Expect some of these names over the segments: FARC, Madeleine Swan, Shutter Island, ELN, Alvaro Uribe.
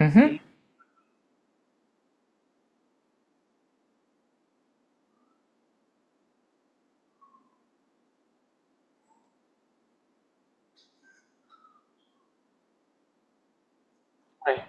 Mhm. Ouais.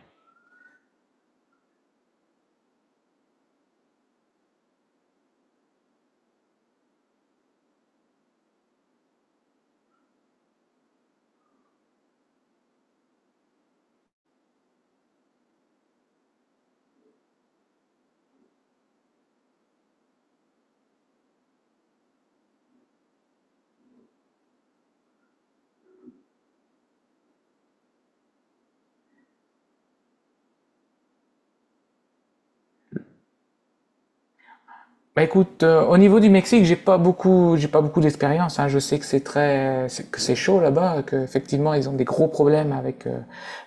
Bah écoute, au niveau du Mexique, j'ai pas beaucoup d'expérience, hein. Je sais que que c'est chaud là-bas, que effectivement ils ont des gros problèmes avec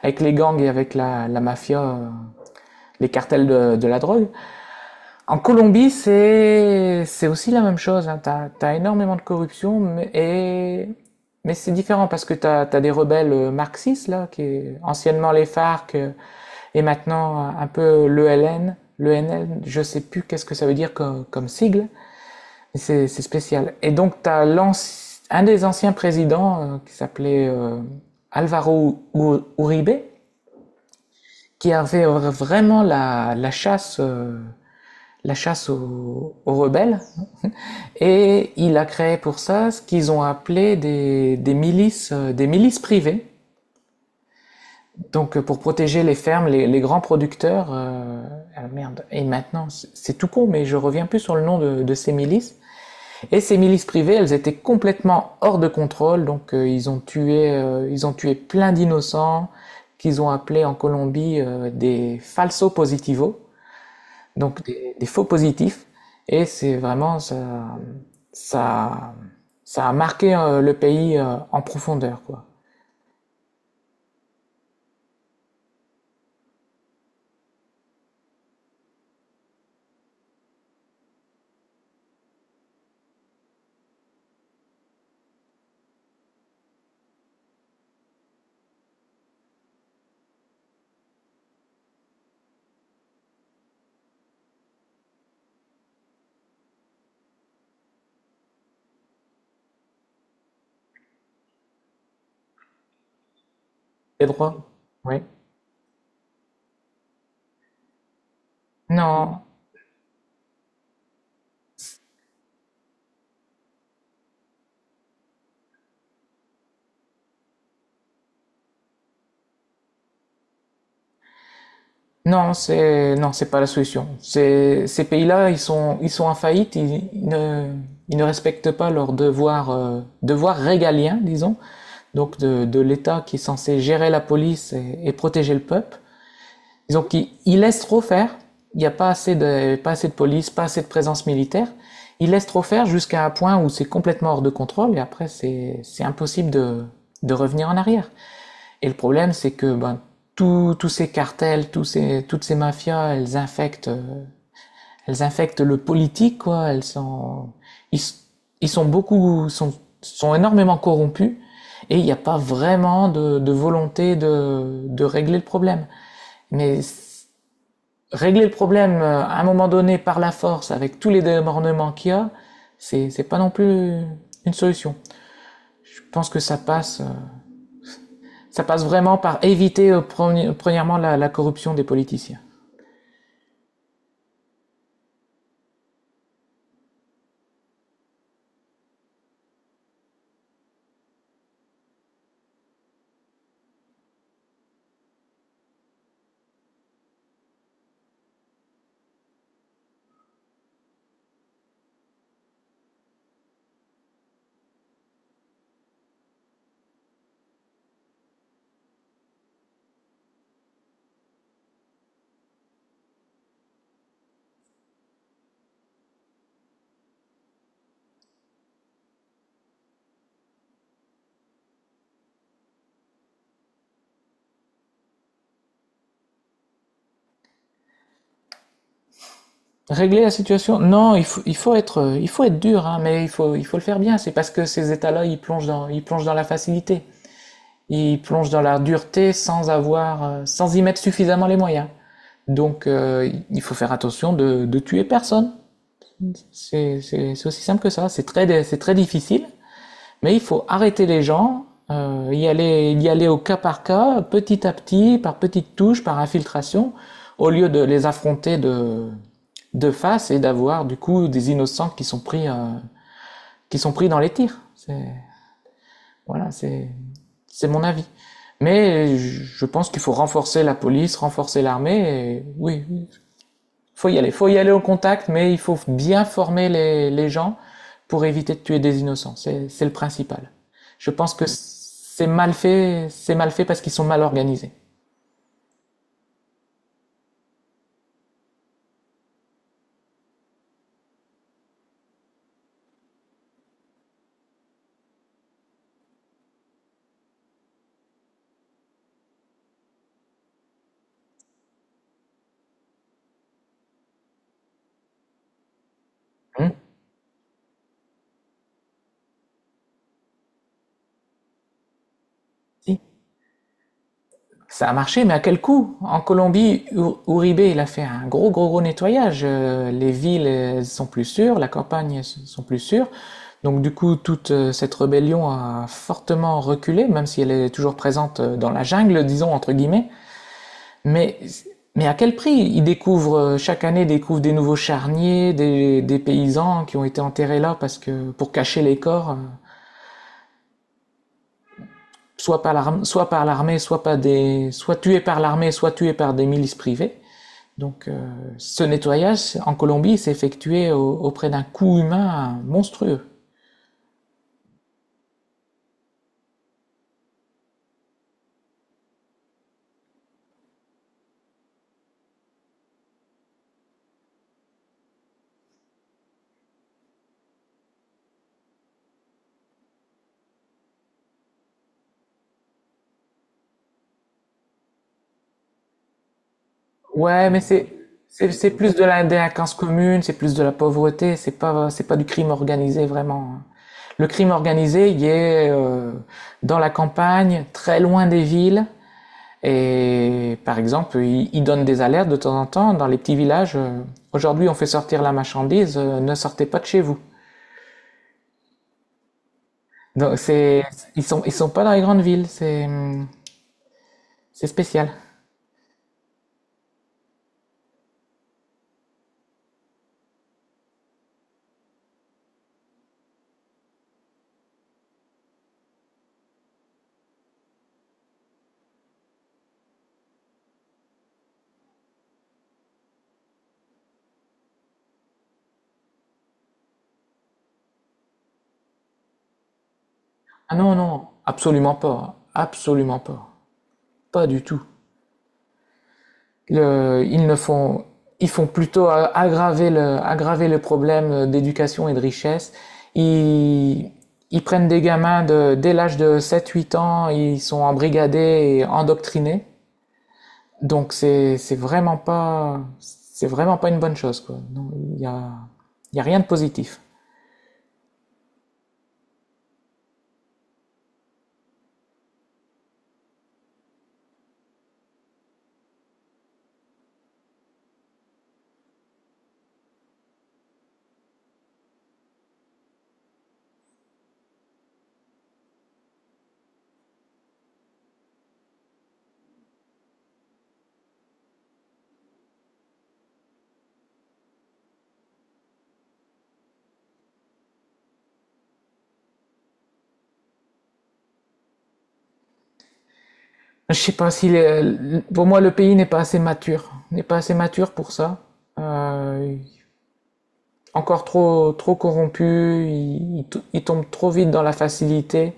avec les gangs et avec la mafia, les cartels de la drogue. En Colombie, c'est aussi la même chose, hein. T'as énormément de corruption, mais c'est différent parce que t'as des rebelles marxistes, là, qui est anciennement les FARC , et maintenant un peu l'ELN. L'ENL, je sais plus qu'est-ce que ça veut dire comme, comme sigle, mais c'est spécial. Et donc, un des anciens présidents qui s'appelait Alvaro Uribe, qui avait vraiment la chasse aux, aux rebelles. Et il a créé pour ça ce qu'ils ont appelé des milices privées. Donc pour protéger les fermes, les grands producteurs. Ah, merde. Et maintenant, c'est tout con, mais je reviens plus sur le nom de ces milices. Et ces milices privées, elles étaient complètement hors de contrôle. Donc ils ont tué plein d'innocents qu'ils ont appelés en Colombie des falsos positivos. Donc des faux positifs. Et c'est vraiment ça, ça, ça a marqué le pays en profondeur, quoi. Les droits. Oui. Non, non, c'est pas la solution. Ces pays-là, ils sont en faillite. Ils ne respectent pas leurs devoirs devoirs régaliens, disons, donc de l'État qui est censé gérer la police et protéger le peuple. Disons qu'ils ils laissent trop faire. Il n'y a pas assez de, pas assez de police, pas assez de présence militaire. Ils laissent trop faire jusqu'à un point où c'est complètement hors de contrôle et après c'est impossible de revenir en arrière. Et le problème, c'est que ben, tous ces cartels, toutes ces mafias, elles infectent le politique, quoi. Ils, ils sont sont énormément corrompus et il n'y a pas vraiment de volonté de régler le problème. Mais régler le problème à un moment donné par la force avec tous les débordements qu'il y a, c'est pas non plus une solution. Je pense que ça passe vraiment par éviter premièrement la corruption des politiciens. Régler la situation, non, il faut être dur, hein, mais il faut le faire bien. C'est parce que ces États-là, ils plongent dans la facilité, ils plongent dans la dureté sans avoir, sans y mettre suffisamment les moyens. Donc, il faut faire attention de tuer personne. C'est aussi simple que ça. C'est très difficile, mais il faut arrêter les gens, y aller au cas par cas, petit à petit, par petites touches, par infiltration, au lieu de les affronter de face et d'avoir du coup des innocents qui sont pris dans les tirs. Voilà, c'est mon avis. Mais je pense qu'il faut renforcer la police, renforcer l'armée. Et oui, faut y aller au contact, mais il faut bien former les gens pour éviter de tuer des innocents. C'est le principal. Je pense que c'est mal fait parce qu'ils sont mal organisés. Hmm. Si. Ça a marché, mais à quel coût? En Colombie, Uribe, il a fait un gros, gros, gros nettoyage. Les villes sont plus sûres, la campagne sont plus sûres. Donc du coup, toute cette rébellion a fortement reculé, même si elle est toujours présente dans la jungle, disons, entre guillemets. Mais, mais à quel prix? Ils découvrent, chaque année, découvrent des nouveaux charniers, des paysans qui ont été enterrés là parce que, pour cacher les corps, soit par l'armée, soit pas des, soit tués par l'armée, soit tués par des milices privées. Donc, ce nettoyage en Colombie s'est effectué auprès d'un coût humain monstrueux. Ouais, mais c'est plus de la délinquance commune, c'est plus de la pauvreté, c'est pas du crime organisé vraiment, hein. Le crime organisé, il est dans la campagne, très loin des villes. Et par exemple, ils donnent des alertes de temps en temps dans les petits villages. Aujourd'hui, on fait sortir la marchandise, ne sortez pas de chez vous. Donc c'est Ils sont pas dans les grandes villes, c'est spécial. Ah non non, absolument pas, pas du tout. Le- ils ne font, Ils font plutôt aggraver aggraver le problème d'éducation et de richesse. Ils, ils prennent des gamins de, dès l'âge de sept-huit ans, ils sont embrigadés et endoctrinés. Donc c'est vraiment pas une bonne chose, quoi. Non, il y a, il y a rien de positif. Je sais pas si, pour moi, le pays n'est pas assez mature, n'est pas assez mature pour ça. Euh, Encore trop corrompus, ils tombent trop vite dans la facilité.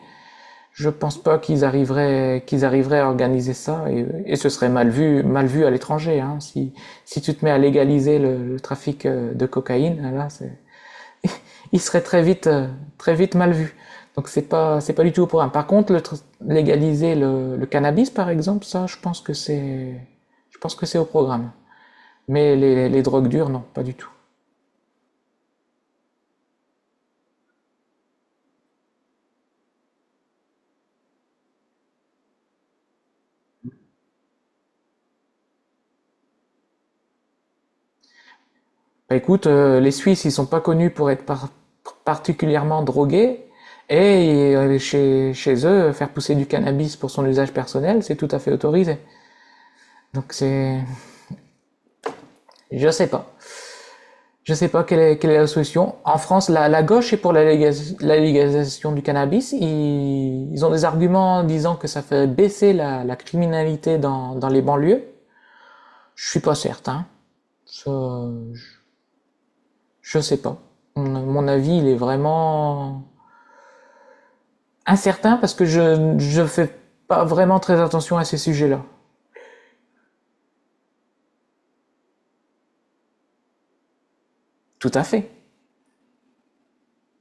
Je pense pas qu'ils arriveraient à organiser ça et ce serait mal vu à l'étranger, hein. Si, si tu te mets à légaliser le trafic de cocaïne, là, c'est, il serait très vite, très vite mal vu. Donc c'est pas du tout au programme. Par contre, le légaliser le cannabis, par exemple, ça, je pense que c'est, je pense que c'est au programme. Mais les drogues dures, non, pas du tout. Bah, écoute, les Suisses, ils sont pas connus pour être particulièrement drogués, et chez eux, faire pousser du cannabis pour son usage personnel, c'est tout à fait autorisé. Donc c'est... Je sais pas. Je sais pas quelle est la solution. En France, la gauche est pour la légalisation du cannabis. Ils ont des arguments disant que ça fait baisser la criminalité dans les banlieues. Je suis pas certain. Ça, je, je sais pas. Mon avis, il est vraiment incertain parce que je ne fais pas vraiment très attention à ces sujets-là. Tout à fait.